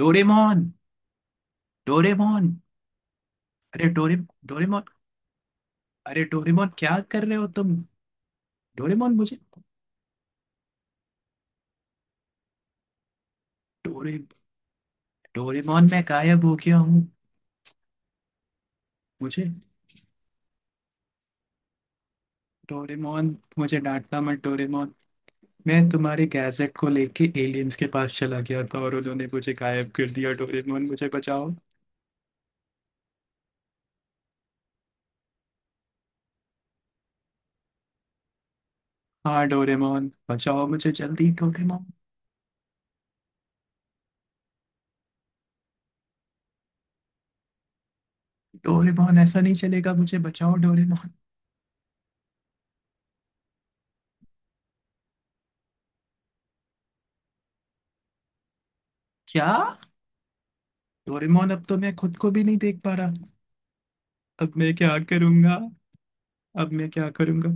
Doraemon. Doraemon. अरे डोरे। Doraemon. अरे डोरेमोन, क्या कर रहे हो तुम? डोरेमोन मुझे, डोरे, डोरेमोन मैं गायब हो गया हूँ। मुझे, डोरेमोन मुझे डांटना मत। डोरेमोन मैं तुम्हारे गैजेट को लेके एलियंस के पास चला गया था और उन्होंने मुझे गायब कर दिया। डोरेमोन मुझे बचाओ। हाँ, डोरेमोन बचाओ मुझे जल्दी डोरेमोन। डोरेमोन ऐसा नहीं चलेगा, मुझे बचाओ डोरेमोन। क्या? डोरेमोन अब तो मैं खुद को भी नहीं देख पा रहा। अब मैं क्या करूंगा? अब मैं क्या करूंगा?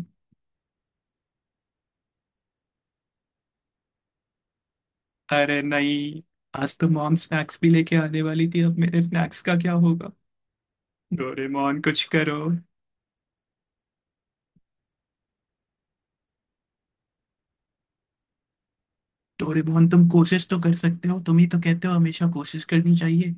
अरे नहीं, आज तो मॉम स्नैक्स भी लेके आने वाली थी, अब मेरे स्नैक्स का क्या होगा? डोरेमोन कुछ करो। डोरेमोन तुम कोशिश तो कर सकते हो, तुम ही तो कहते हो हमेशा कोशिश करनी चाहिए।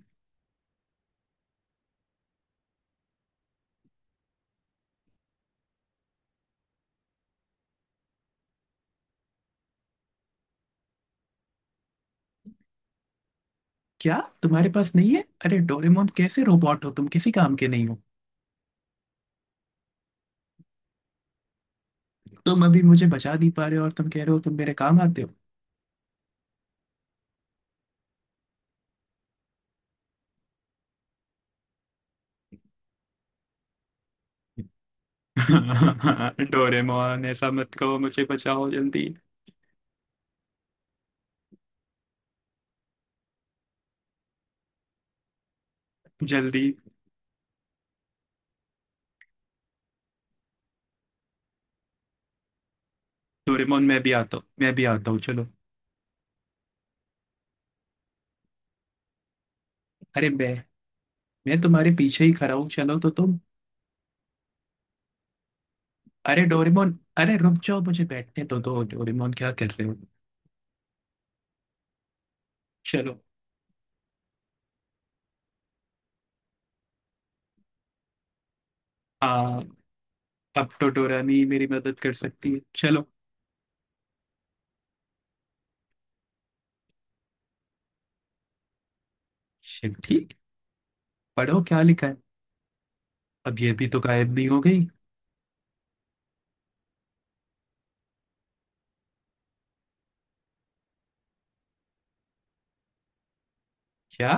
क्या तुम्हारे पास नहीं है? अरे डोरेमोन कैसे रोबोट हो तुम, किसी काम के नहीं हो। तुम अभी मुझे बचा नहीं पा रहे हो और तुम कह रहे हो तुम मेरे काम आते हो। डोरेमोन ऐसा मत कहो, मुझे बचाओ जल्दी। जल्दी। डोरेमोन मैं भी आता हूँ, मैं भी आता हूँ, चलो। अरे मैं तुम्हारे पीछे ही खड़ा हूँ, चलो तो तुम। अरे डोरेमोन, अरे रुक जाओ, मुझे बैठने तो दो तो। डोरेमोन क्या कर रहे हो? चलो। हाँ, अब तो डोरामी मेरी मदद कर सकती है, चलो। शिट, ठीक। पढ़ो क्या लिखा है। अब ये भी तो गायब नहीं हो गई? क्या?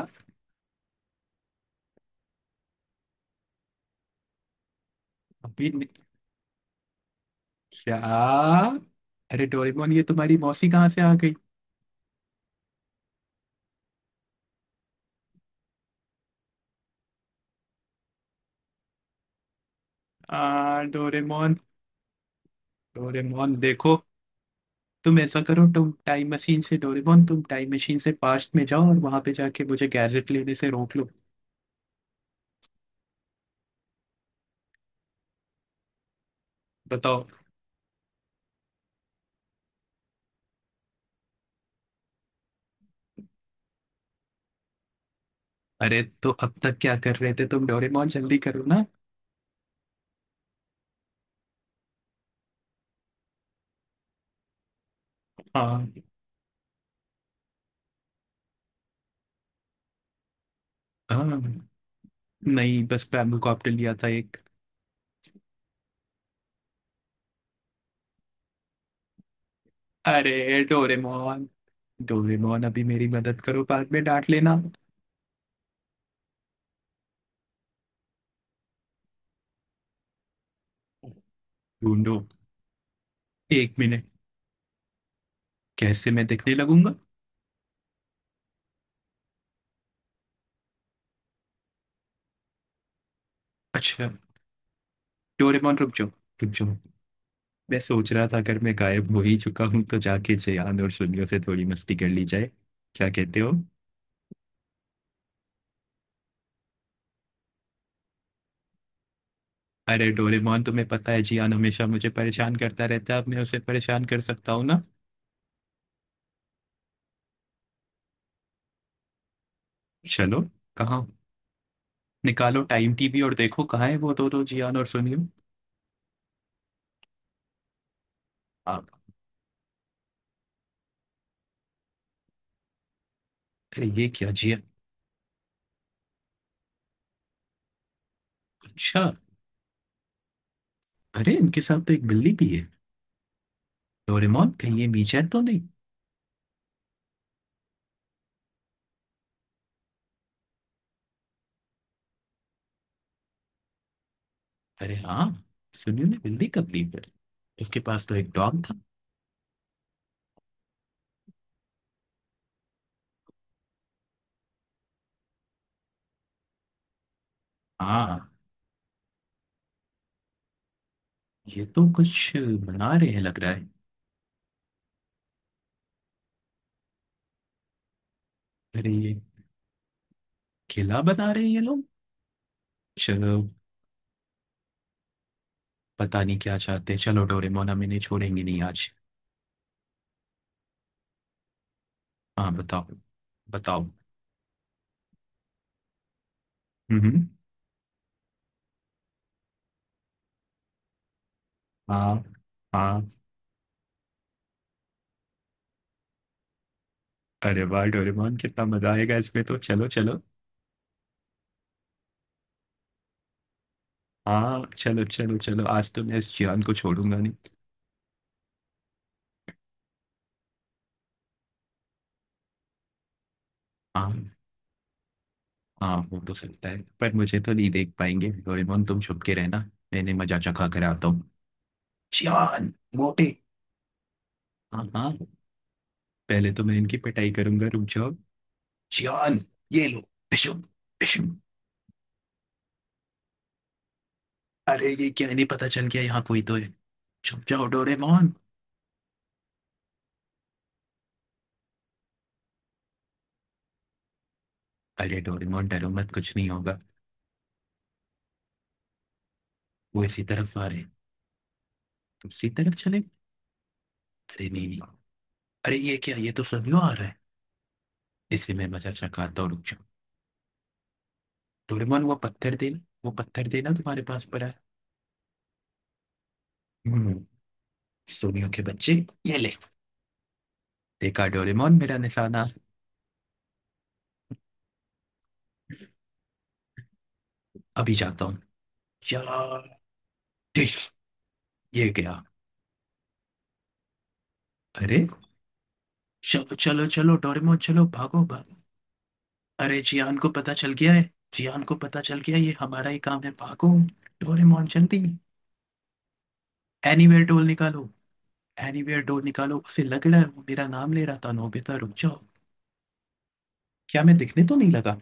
अभी नहीं-। क्या? अरे डोरेमोन ये तुम्हारी मौसी कहाँ से आ गई? आ डोरेमोन। डोरेमोन देखो, तुम ऐसा करो, तुम टाइम मशीन से, डोरेमोन तुम टाइम मशीन से पास्ट में जाओ और वहां पे जाके मुझे गैजेट लेने से रोक लो। बताओ। अरे तो अब तक क्या कर रहे थे तुम डोरेमोन, जल्दी करो ना। हाँ। हाँ नहीं, बस बैम्बू कॉप्टर लिया था एक। अरे डोरेमोन, डोरेमोन अभी मेरी मदद करो, बाद में डांट लेना। ढूंढो। एक मिनट, कैसे मैं दिखने लगूंगा? अच्छा, डोरेमोन रुक जाओ, रुक जाओ। मैं सोच रहा था, अगर मैं गायब हो ही चुका हूं तो जाके जियान और सुनियो से थोड़ी मस्ती कर ली जाए। क्या कहते हो? अरे डोरेमोन तुम्हें पता है जियान हमेशा मुझे परेशान करता रहता है, अब मैं उसे परेशान कर सकता हूँ। चलो। कहाँ? निकालो टाइम टीवी और देखो कहाँ है वो दोनों जियान और सुनियो। आप। अरे ये क्या, जियान? अच्छा। अरे इनके साथ तो एक बिल्ली भी है। डोरेमोन कहीं ये मीचर तो नहीं? अरे हाँ, सुनियो ने बिल्ली कब ली फिर? इसके पास तो एक डॉग था। हाँ। ये तो कुछ बना रहे हैं लग रहा है। अरे ये किला बना रहे हैं ये लोग। चलो। पता नहीं क्या चाहते हैं, चलो डोरेमोन हम इन्हें छोड़ेंगे नहीं आज। हाँ बताओ। बताओ। हम्म। हाँ। हाँ। अरे वाह डोरेमोन कितना मजा आएगा इसमें, तो चलो चलो। हाँ चलो चलो चलो, आज तो मैं इस जियान को छोड़ूंगा नहीं। हाँ। हाँ वो तो सकता है, पर मुझे तो नहीं देख पाएंगे, डोरेमोन तुम छुप के रहना। मैंने मजा चखा कर आता हूँ। जियान मोटे। हाँ हाँ, पहले तो मैं इनकी पिटाई करूंगा, रुक जाओ। जियान, ये लो। पिशुम। पिशुम। अरे ये क्या, नहीं पता चल गया, यहाँ कोई तो है। छुप जाओ डोरेमोन। अरे डोरेमोन डरो मत, कुछ नहीं होगा। वो इसी तरफ आ रहे हैं। दूसरी तरफ चले। अरे नहीं नहीं, अरे ये क्या, ये तो फ्लामिंगो आ रहा है, इसे मैं मजा चकाता हूँ, रुक जाओ। डोरेमोन वो पत्थर देना, वो पत्थर देना, तुम्हारे पास पड़ा है। हम्म। सोनियो के बच्चे, ये ले। देखा डोरेमोन मेरा निशाना? अभी जाता हूँ। यार देख, ये गया। अरे चलो चलो चलो, डोरेमोन चलो भागो भागो। अरे जियान को पता चल गया है, जियान को पता चल गया है, ये हमारा ही काम है, भागो। डोरेमोन जल्दी। एनीवेयर डोल निकालो, एनीवेयर डोल निकालो, उसे लग रहा है वो मेरा नाम ले रहा था, नोबिता रुक जाओ। क्या मैं दिखने तो नहीं लगा?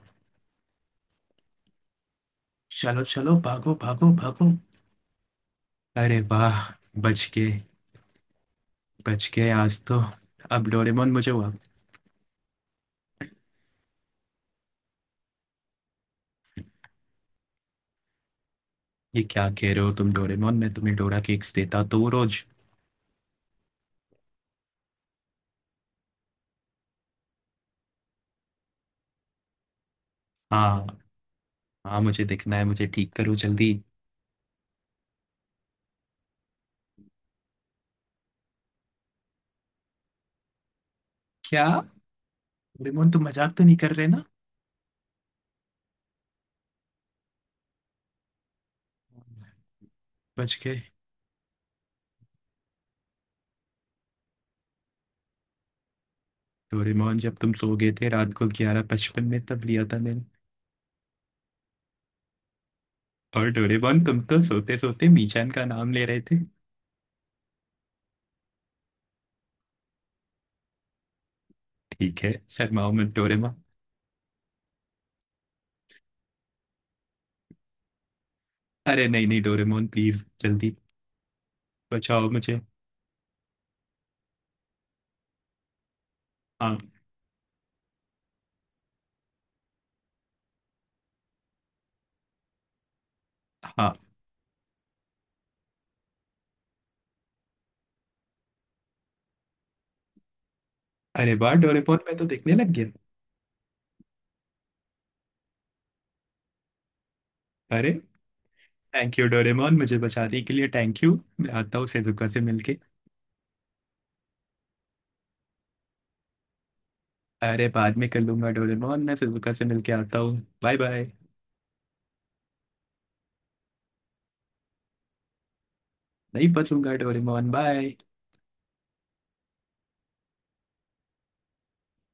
चलो चलो भागो भागो भागो। अरे वाह, बच गए, बच गए आज तो। अब डोरेमोन मुझे हुआ। ये क्या कह रहे हो तुम डोरेमोन, मैं तुम्हें डोरा केक्स देता तो रोज। हाँ, हाँ मुझे दिखना है, मुझे ठीक करो जल्दी। क्या, डोरेमोन तुम मजाक तो नहीं कर रहे ना? बच गए। डोरेमोन जब तुम सो गए थे रात को 11:55 में तब लिया था मैंने। और डोरेमोन तुम तो सोते सोते मीचान का नाम ले रहे थे। ठीक है, शर्माओ मत डोरेमोन। अरे नहीं नहीं डोरेमोन प्लीज जल्दी, बचाओ मुझे। हाँ। हाँ, अरे वाह डोरेमोन मैं तो देखने लग गया। अरे थैंक यू डोरेमोन मुझे बचाने के लिए, थैंक यू। मैं आता हूँ सेजुका से मिलके। अरे बाद में कर लूंगा डोरेमोन, मैं सेजुका से मिलके आता हूँ, बाय बाय। नहीं बचूंगा डोरेमोन, बाय।